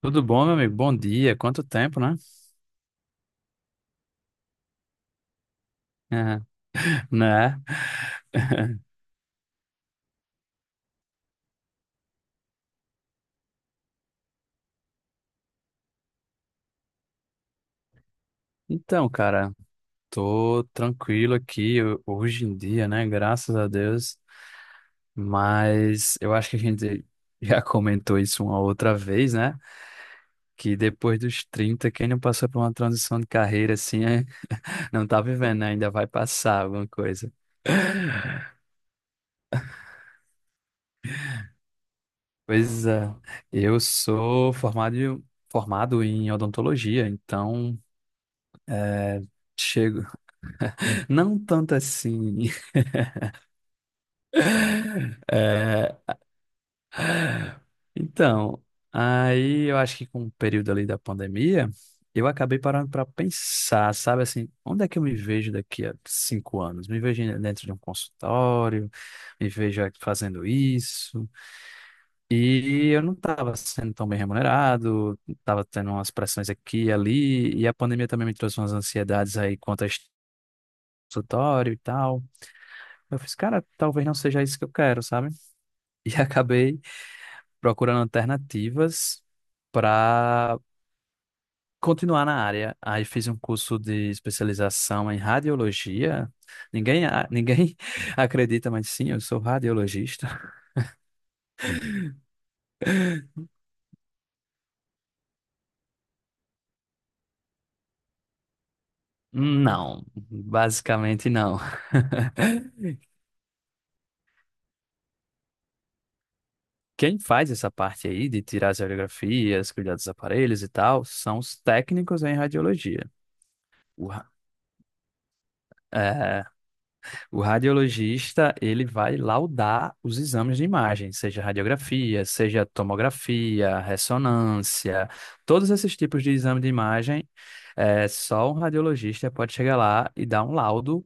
Tudo bom, meu amigo? Bom dia. Quanto tempo, né? É, né? Então, cara, tô tranquilo aqui hoje em dia, né? Graças a Deus. Mas eu acho que a gente já comentou isso uma outra vez, né? Que depois dos 30 quem não passou por uma transição de carreira assim, não tá vivendo, né? Ainda vai passar alguma coisa. Pois é, eu sou formado em odontologia, então chego. Não tanto assim. Então, aí eu acho que com o período ali da pandemia, eu acabei parando para pensar, sabe assim, onde é que eu me vejo daqui a 5 anos? Me vejo dentro de um consultório, me vejo aqui fazendo isso. E eu não estava sendo tão bem remunerado, estava tendo umas pressões aqui e ali, e a pandemia também me trouxe umas ansiedades aí quanto a este consultório e tal. Eu fiz, cara, talvez não seja isso que eu quero, sabe? E acabei procurando alternativas para continuar na área. Aí fiz um curso de especialização em radiologia. Ninguém acredita, mas sim, eu sou radiologista. Não, basicamente não. Quem faz essa parte aí de tirar as radiografias, cuidar dos aparelhos e tal, são os técnicos em radiologia. Uau. O radiologista, ele vai laudar os exames de imagem, seja radiografia, seja tomografia, ressonância, todos esses tipos de exame de imagem, só um radiologista pode chegar lá e dar um laudo,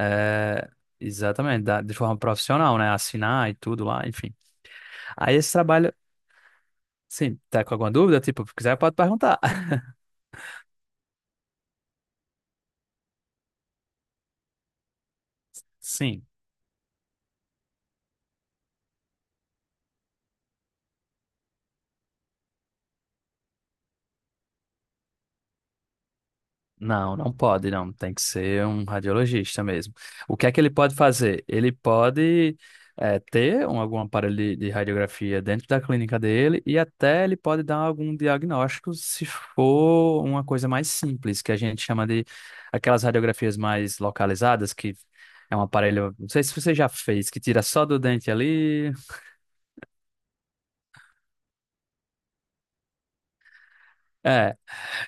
é, exatamente, de forma profissional, né? Assinar e tudo lá, enfim. Aí esse trabalho, sim, tá com alguma dúvida? Tipo, se quiser pode perguntar. Sim. Não, não pode, não. Tem que ser um radiologista mesmo. O que é que ele pode fazer? Ele pode ter um, algum aparelho de radiografia dentro da clínica dele e até ele pode dar algum diagnóstico se for uma coisa mais simples, que a gente chama de aquelas radiografias mais localizadas, que é um aparelho, não sei se você já fez, que tira só do dente ali. É,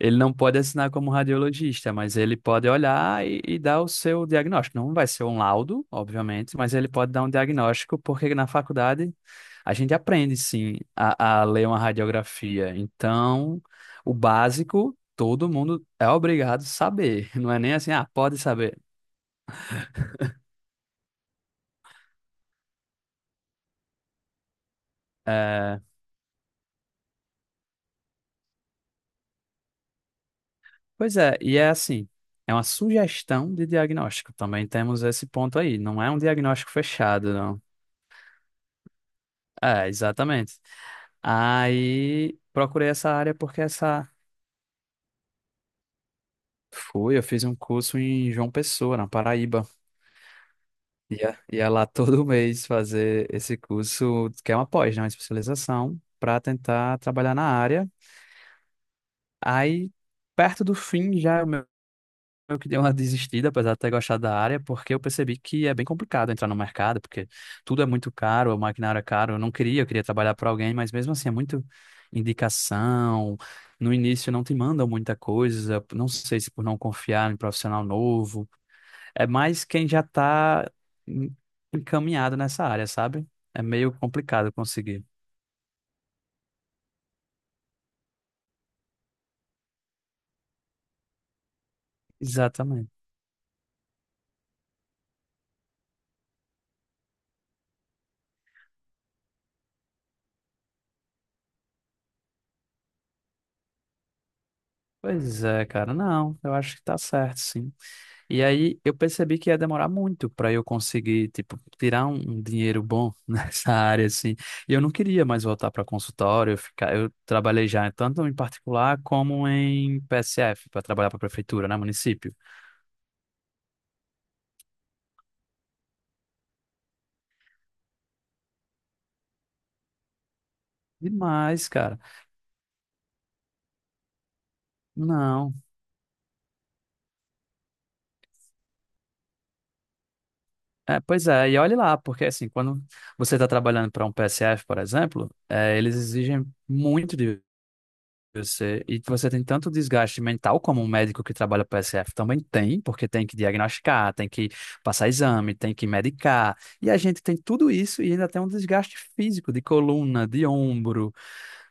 ele não pode assinar como radiologista, mas ele pode olhar e dar o seu diagnóstico. Não vai ser um laudo, obviamente, mas ele pode dar um diagnóstico, porque na faculdade a gente aprende, sim, a ler uma radiografia. Então, o básico, todo mundo é obrigado a saber. Não é nem assim, ah, pode saber. É, pois é, e é assim, é uma sugestão de diagnóstico. Também temos esse ponto aí. Não é um diagnóstico fechado, não. É, exatamente. Aí procurei essa área porque essa. Fui, eu fiz um curso em João Pessoa, na Paraíba. Ia lá todo mês fazer esse curso, que é uma pós, né? Uma especialização, para tentar trabalhar na área. Aí, perto do fim, já eu que dei uma desistida, apesar de ter gostado da área, porque eu percebi que é bem complicado entrar no mercado, porque tudo é muito caro, o maquinário é caro. Eu não queria, eu queria trabalhar para alguém, mas mesmo assim é muito indicação. No início não te mandam muita coisa, não sei se por não confiar em profissional novo. É mais quem já está encaminhado nessa área, sabe? É meio complicado conseguir. Exatamente. Pois é, cara. Não, eu acho que tá certo, sim. E aí eu percebi que ia demorar muito para eu conseguir, tipo, tirar um dinheiro bom nessa área, assim. E eu não queria mais voltar para consultório, eu ficar, eu trabalhei já tanto em particular como em PSF, para trabalhar para prefeitura, né, município. Demais, cara. Não. É, pois é, e olhe lá, porque assim, quando você está trabalhando para um PSF, por exemplo, eles exigem muito de você, e você tem tanto desgaste mental como um médico que trabalha para SF também tem, porque tem que diagnosticar, tem que passar exame, tem que medicar. E a gente tem tudo isso e ainda tem um desgaste físico de coluna, de ombro,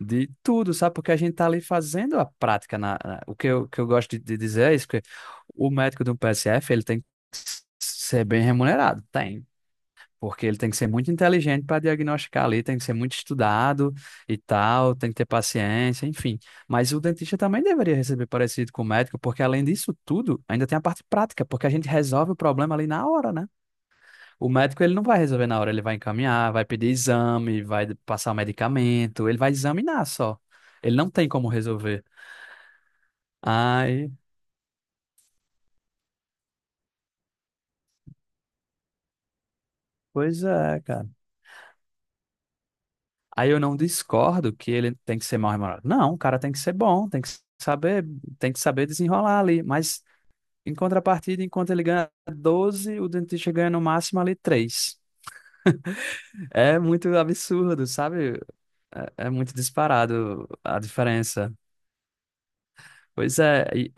de tudo, sabe? Porque a gente tá ali fazendo a prática. O que eu gosto de dizer é isso, que o médico de um PSF, ele tem que ser bem remunerado, tem. Porque ele tem que ser muito inteligente para diagnosticar ali, tem que ser muito estudado e tal, tem que ter paciência, enfim. Mas o dentista também deveria receber parecido com o médico, porque além disso tudo, ainda tem a parte prática, porque a gente resolve o problema ali na hora, né? O médico ele não vai resolver na hora, ele vai encaminhar, vai pedir exame, vai passar o medicamento, ele vai examinar só. Ele não tem como resolver. Ai, pois é, cara. Aí eu não discordo que ele tem que ser mal remunerado. Não, o cara tem que ser bom, saber, tem que saber desenrolar ali. Mas em contrapartida, enquanto ele ganha 12, o dentista ganha no máximo ali 3. É muito absurdo, sabe? É, é muito disparado a diferença. Pois é, e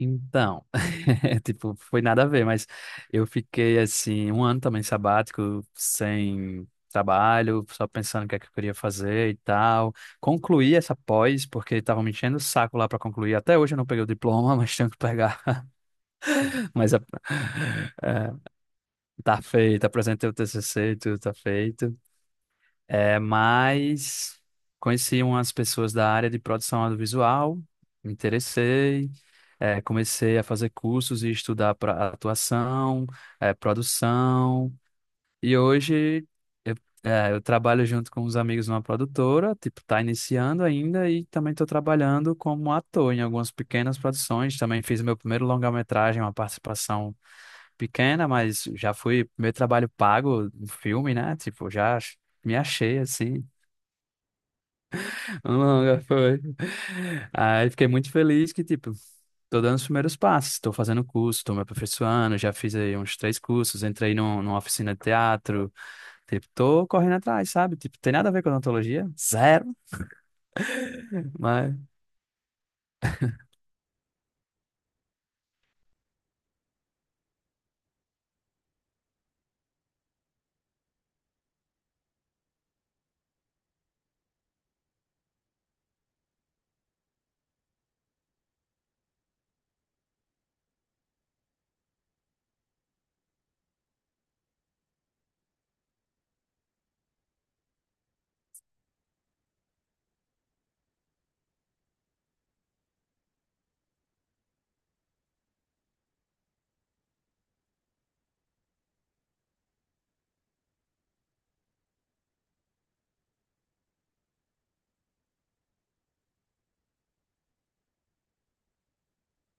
então, tipo, foi nada a ver, mas eu fiquei assim, um ano também sabático, sem trabalho, só pensando o que é que eu queria fazer e tal. Concluí essa pós, porque estavam me enchendo o saco lá para concluir. Até hoje eu não peguei o diploma, mas tenho que pegar. Mas a- É, tá feito, apresentei o TCC, e tudo tá feito. É, mas conheci umas pessoas da área de produção audiovisual, me interessei, comecei a fazer cursos e estudar para atuação, produção, e hoje eu, eu trabalho junto com uns amigos numa produtora, tipo, tá iniciando ainda, e também estou trabalhando como ator em algumas pequenas produções, também fiz meu primeiro longa-metragem, uma participação pequena, mas já fui, meu trabalho pago, um filme, né, tipo, já me achei assim. Tão longa foi. Aí fiquei muito feliz que, tipo, tô dando os primeiros passos, estou fazendo curso, estou me aperfeiçoando, já fiz aí uns três cursos, entrei num, numa oficina de teatro, tipo, tô correndo atrás, sabe? Tipo, tem nada a ver com odontologia, zero, mas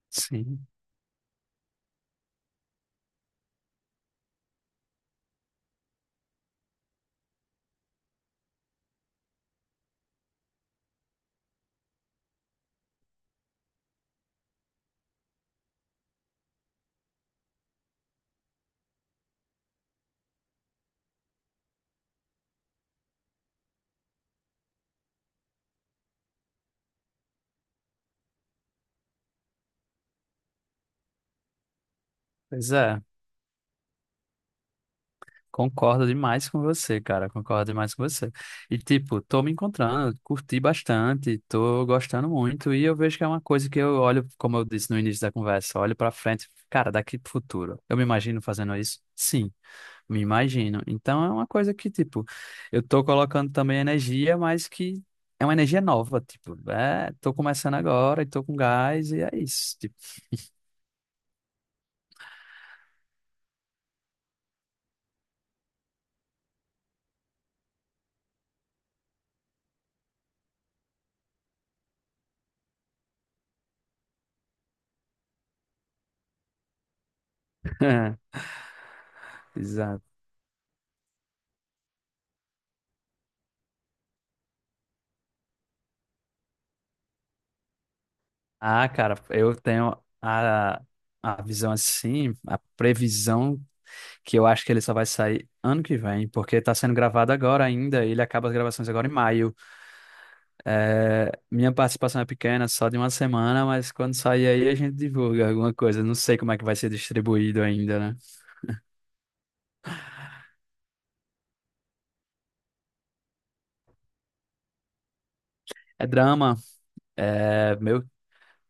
sim, pois é. Concordo demais com você, cara. Concordo demais com você. E, tipo, tô me encontrando, curti bastante, tô gostando muito. E eu vejo que é uma coisa que eu olho, como eu disse no início da conversa, olho pra frente, cara, daqui pro futuro. Eu me imagino fazendo isso? Sim, me imagino. Então é uma coisa que, tipo, eu tô colocando também energia, mas que é uma energia nova, tipo, tô começando agora e tô com gás e é isso, tipo. Exato. Ah, cara, eu tenho a visão assim, a previsão que eu acho que ele só vai sair ano que vem, porque tá sendo gravado agora ainda, e ele acaba as gravações agora em maio. É, minha participação é pequena, só de uma semana, mas quando sair aí a gente divulga alguma coisa. Não sei como é que vai ser distribuído ainda, né? É drama, é meio,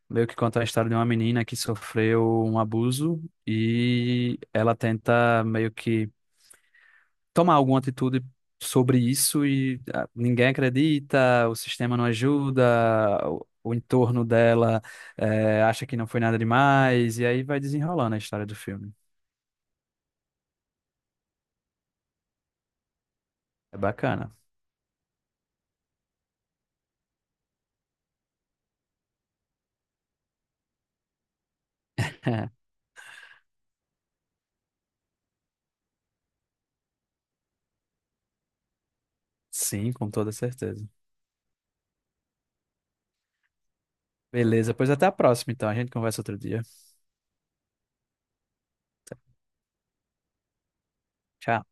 meio que conta a história de uma menina que sofreu um abuso e ela tenta meio que tomar alguma atitude sobre isso e ah, ninguém acredita, o sistema não ajuda, o entorno dela acha que não foi nada demais, e aí vai desenrolando a história do filme. É bacana. Sim, com toda certeza. Beleza, pois até a próxima, então. A gente conversa outro dia. Tchau.